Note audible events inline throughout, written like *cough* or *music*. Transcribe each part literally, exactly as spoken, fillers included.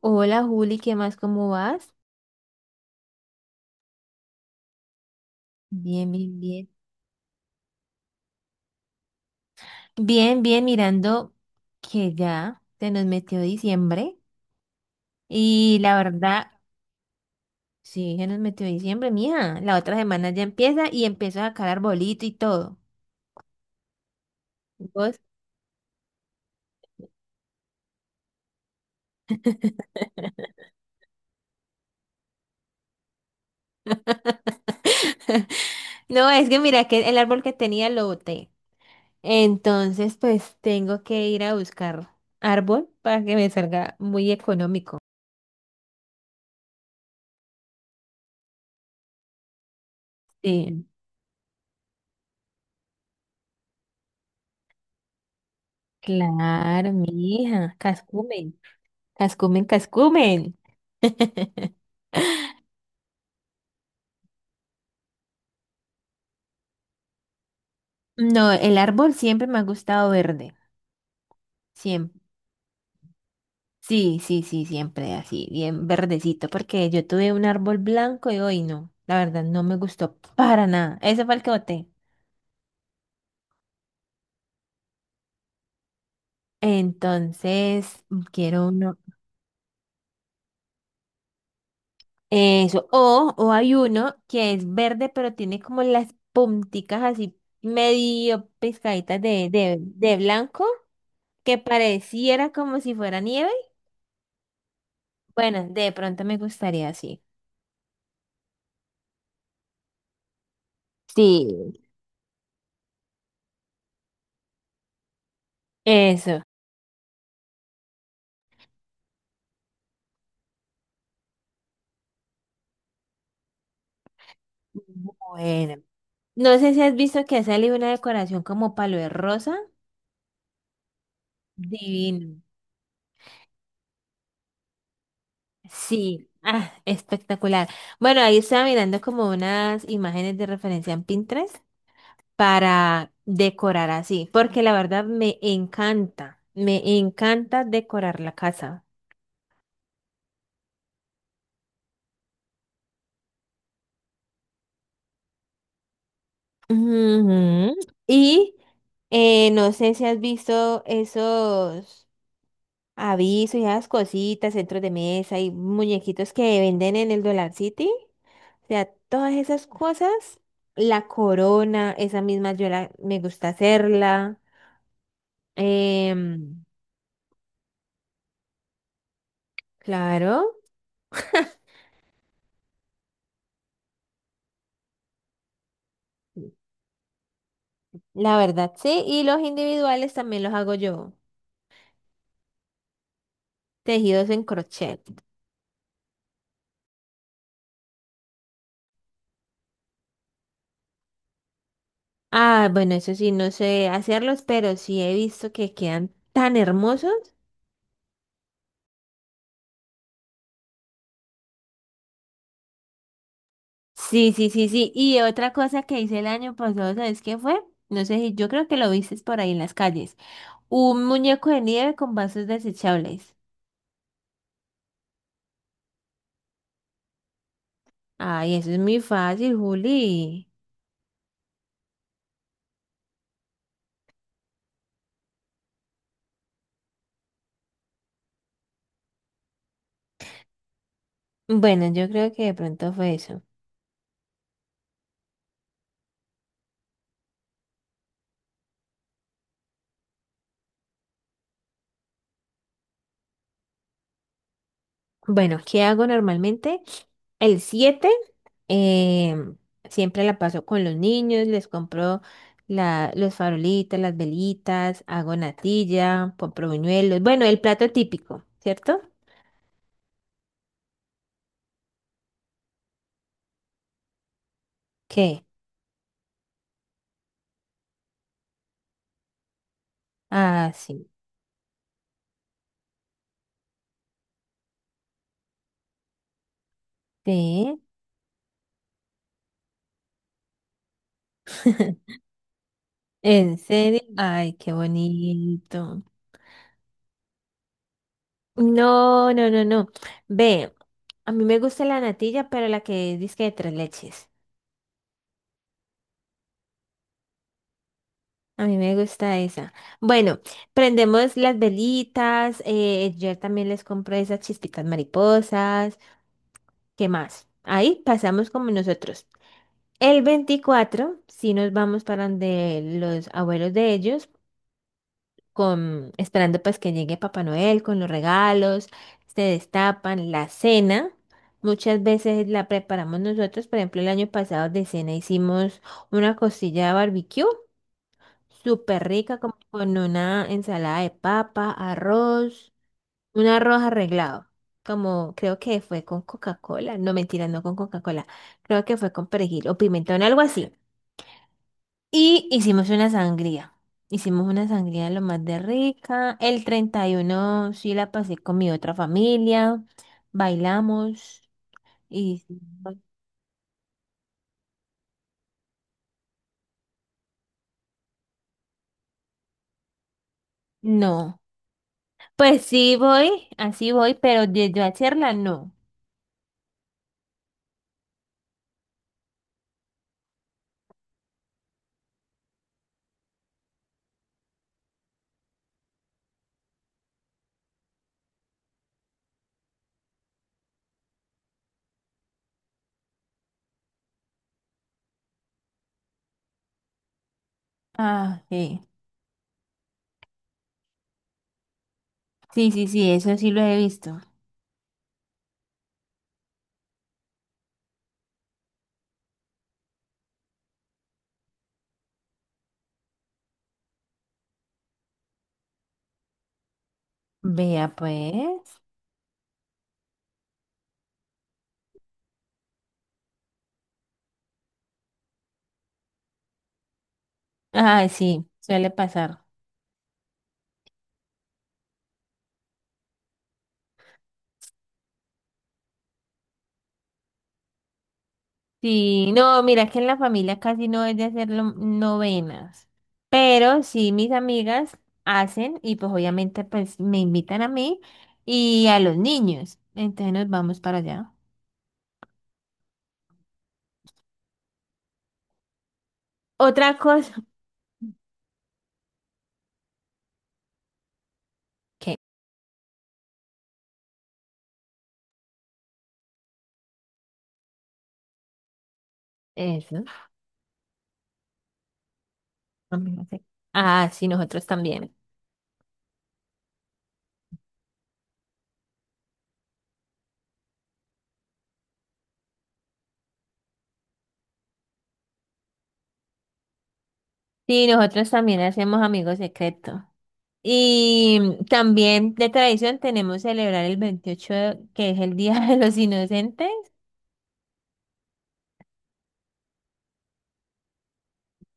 Hola Juli, ¿qué más? ¿Cómo vas? Bien, bien, bien. Bien, bien, mirando que ya se nos metió diciembre y la verdad, sí, se nos metió diciembre, mija. La otra semana ya empieza y empiezo a sacar arbolito y todo. ¿Vos? *laughs* No, es que mira que el árbol que tenía lo boté. Entonces, pues tengo que ir a buscar árbol para que me salga muy económico. Sí, claro, mija, cascume. Cascumen, cascumen. *laughs* No, el árbol siempre me ha gustado verde. Siempre. Sí, sí, sí, siempre así, bien verdecito, porque yo tuve un árbol blanco y hoy no. La verdad, no me gustó para nada. Ese fue el que boté. Entonces, mm, quiero uno. Eso. O, o hay uno que es verde, pero tiene como las punticas así medio pescaditas de, de, de blanco, que pareciera como si fuera nieve. Bueno, de pronto me gustaría así. Sí. Eso. Bueno. No sé si has visto que ha salido una decoración como palo de rosa. Divino. Sí. Ah, espectacular. Bueno, ahí estaba mirando como unas imágenes de referencia en Pinterest para decorar así, porque la verdad me encanta, me encanta decorar la casa. Ujú. Y eh, no sé si has visto esos. Aviso y esas cositas, centros de mesa y muñequitos que venden en el Dollar City. O sea, todas esas cosas. La corona, esa misma yo la, me gusta hacerla. Em, claro, la verdad sí. Y los individuales también los hago yo. Tejidos en crochet. Ah, bueno, eso sí, no sé hacerlos, pero sí he visto que quedan tan hermosos. Sí, sí, sí, sí. Y otra cosa que hice el año pasado, ¿sabes qué fue? No sé si yo creo que lo viste por ahí en las calles. Un muñeco de nieve con vasos desechables. Ay, eso es muy fácil, Juli. Bueno, yo creo que de pronto fue eso. Bueno, ¿qué hago normalmente? ¿El siete? em, siempre la paso con los niños, les compro la, los farolitos, las velitas, hago natilla, compro buñuelos. Bueno, el plato típico, ¿cierto? ¿Qué? Ah, sí. Sí, *laughs* en serio. Ay, qué bonito. No, no, no, no. Ve, a mí me gusta la natilla, pero la que dice de tres leches. A mí me gusta esa. Bueno, prendemos las velitas. eh, yo también les compro esas chispitas mariposas. ¿Qué más? Ahí pasamos como nosotros. El veinticuatro, si nos vamos para donde los abuelos de ellos con, esperando pues que llegue Papá Noel con los regalos, se destapan la cena. Muchas veces la preparamos nosotros, por ejemplo, el año pasado de cena hicimos una costilla de barbecue, súper rica, como con una ensalada de papa, arroz, un arroz arreglado, como creo que fue con Coca-Cola, no mentira, no con Coca-Cola, creo que fue con perejil o pimentón, algo así. Y hicimos una sangría. Hicimos una sangría lo más de rica. El treinta y uno sí la pasé con mi otra familia. Bailamos y... No. Pues sí voy, así voy, pero de yo hacerla no. Ah, sí. Sí, sí, sí, eso sí lo he visto. Vea pues. Ah, sí, suele pasar. Sí, no, mira, es que en la familia casi no es de hacer lo- novenas, pero sí mis amigas hacen y pues obviamente pues me invitan a mí y a los niños, entonces nos vamos para allá. Otra cosa, *laughs* ¿qué? Eso. No sé. Ah, sí, nosotros también. Sí, nosotros también hacemos amigos secretos. Y también de tradición tenemos celebrar el veintiocho de- que es el Día de los Inocentes.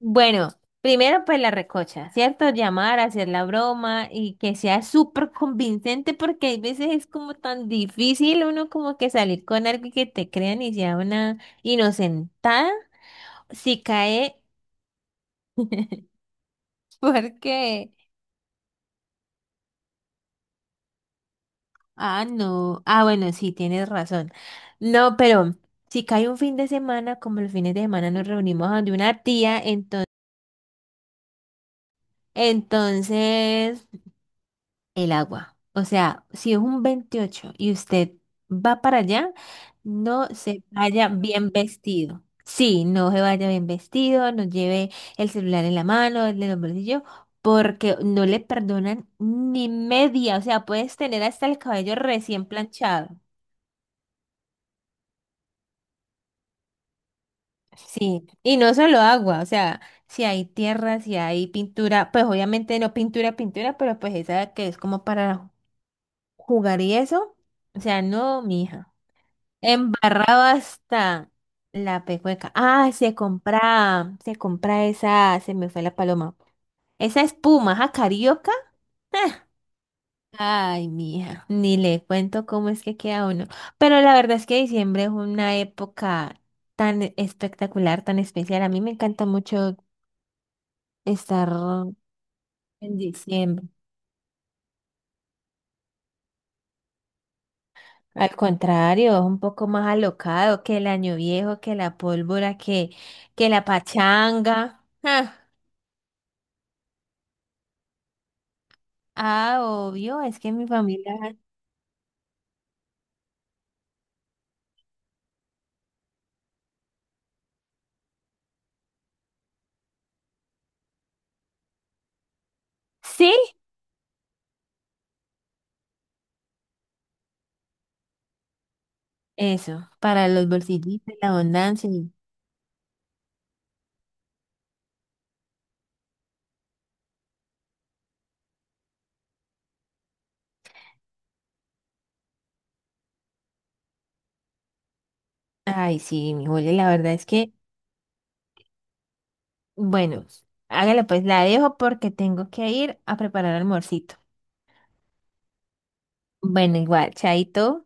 Bueno, primero pues la recocha, ¿cierto? Llamar, hacer la broma y que sea súper convincente porque hay veces es como tan difícil uno como que salir con algo y que te crean y sea una inocentada si cae *laughs* porque, ah, no, ah, bueno, sí, tienes razón. No, pero si cae un fin de semana, como los fines de semana nos reunimos donde una tía, entonces... Entonces, el agua. O sea, si es un veintiocho y usted va para allá, no se vaya bien vestido. Sí, no se vaya bien vestido, no lleve el celular en la mano, el de los bolsillos, porque no le perdonan ni media. O sea, puedes tener hasta el cabello recién planchado. Sí, y no solo agua, o sea, si hay tierra, si hay pintura, pues obviamente no pintura, pintura, pero pues esa que es como para jugar y eso, o sea, no, mija. Embarrado hasta la pecueca. Ah, se compra, se compra esa, se me fue la paloma. Esa espuma, ¿ja, carioca? Ah, ay, mija, ni le cuento cómo es que queda uno. Pero la verdad es que diciembre es una época tan espectacular, tan especial. A mí me encanta mucho estar en diciembre. Al contrario, es un poco más alocado que el año viejo, que la pólvora, que, que la pachanga. Ah, obvio, es que mi familia. Sí, eso, para los bolsillitos, la abundancia. Y... Ay, sí, mi Julia, la verdad es que, bueno, hágale pues, la dejo porque tengo que ir a preparar almuercito. Bueno, igual, chaito.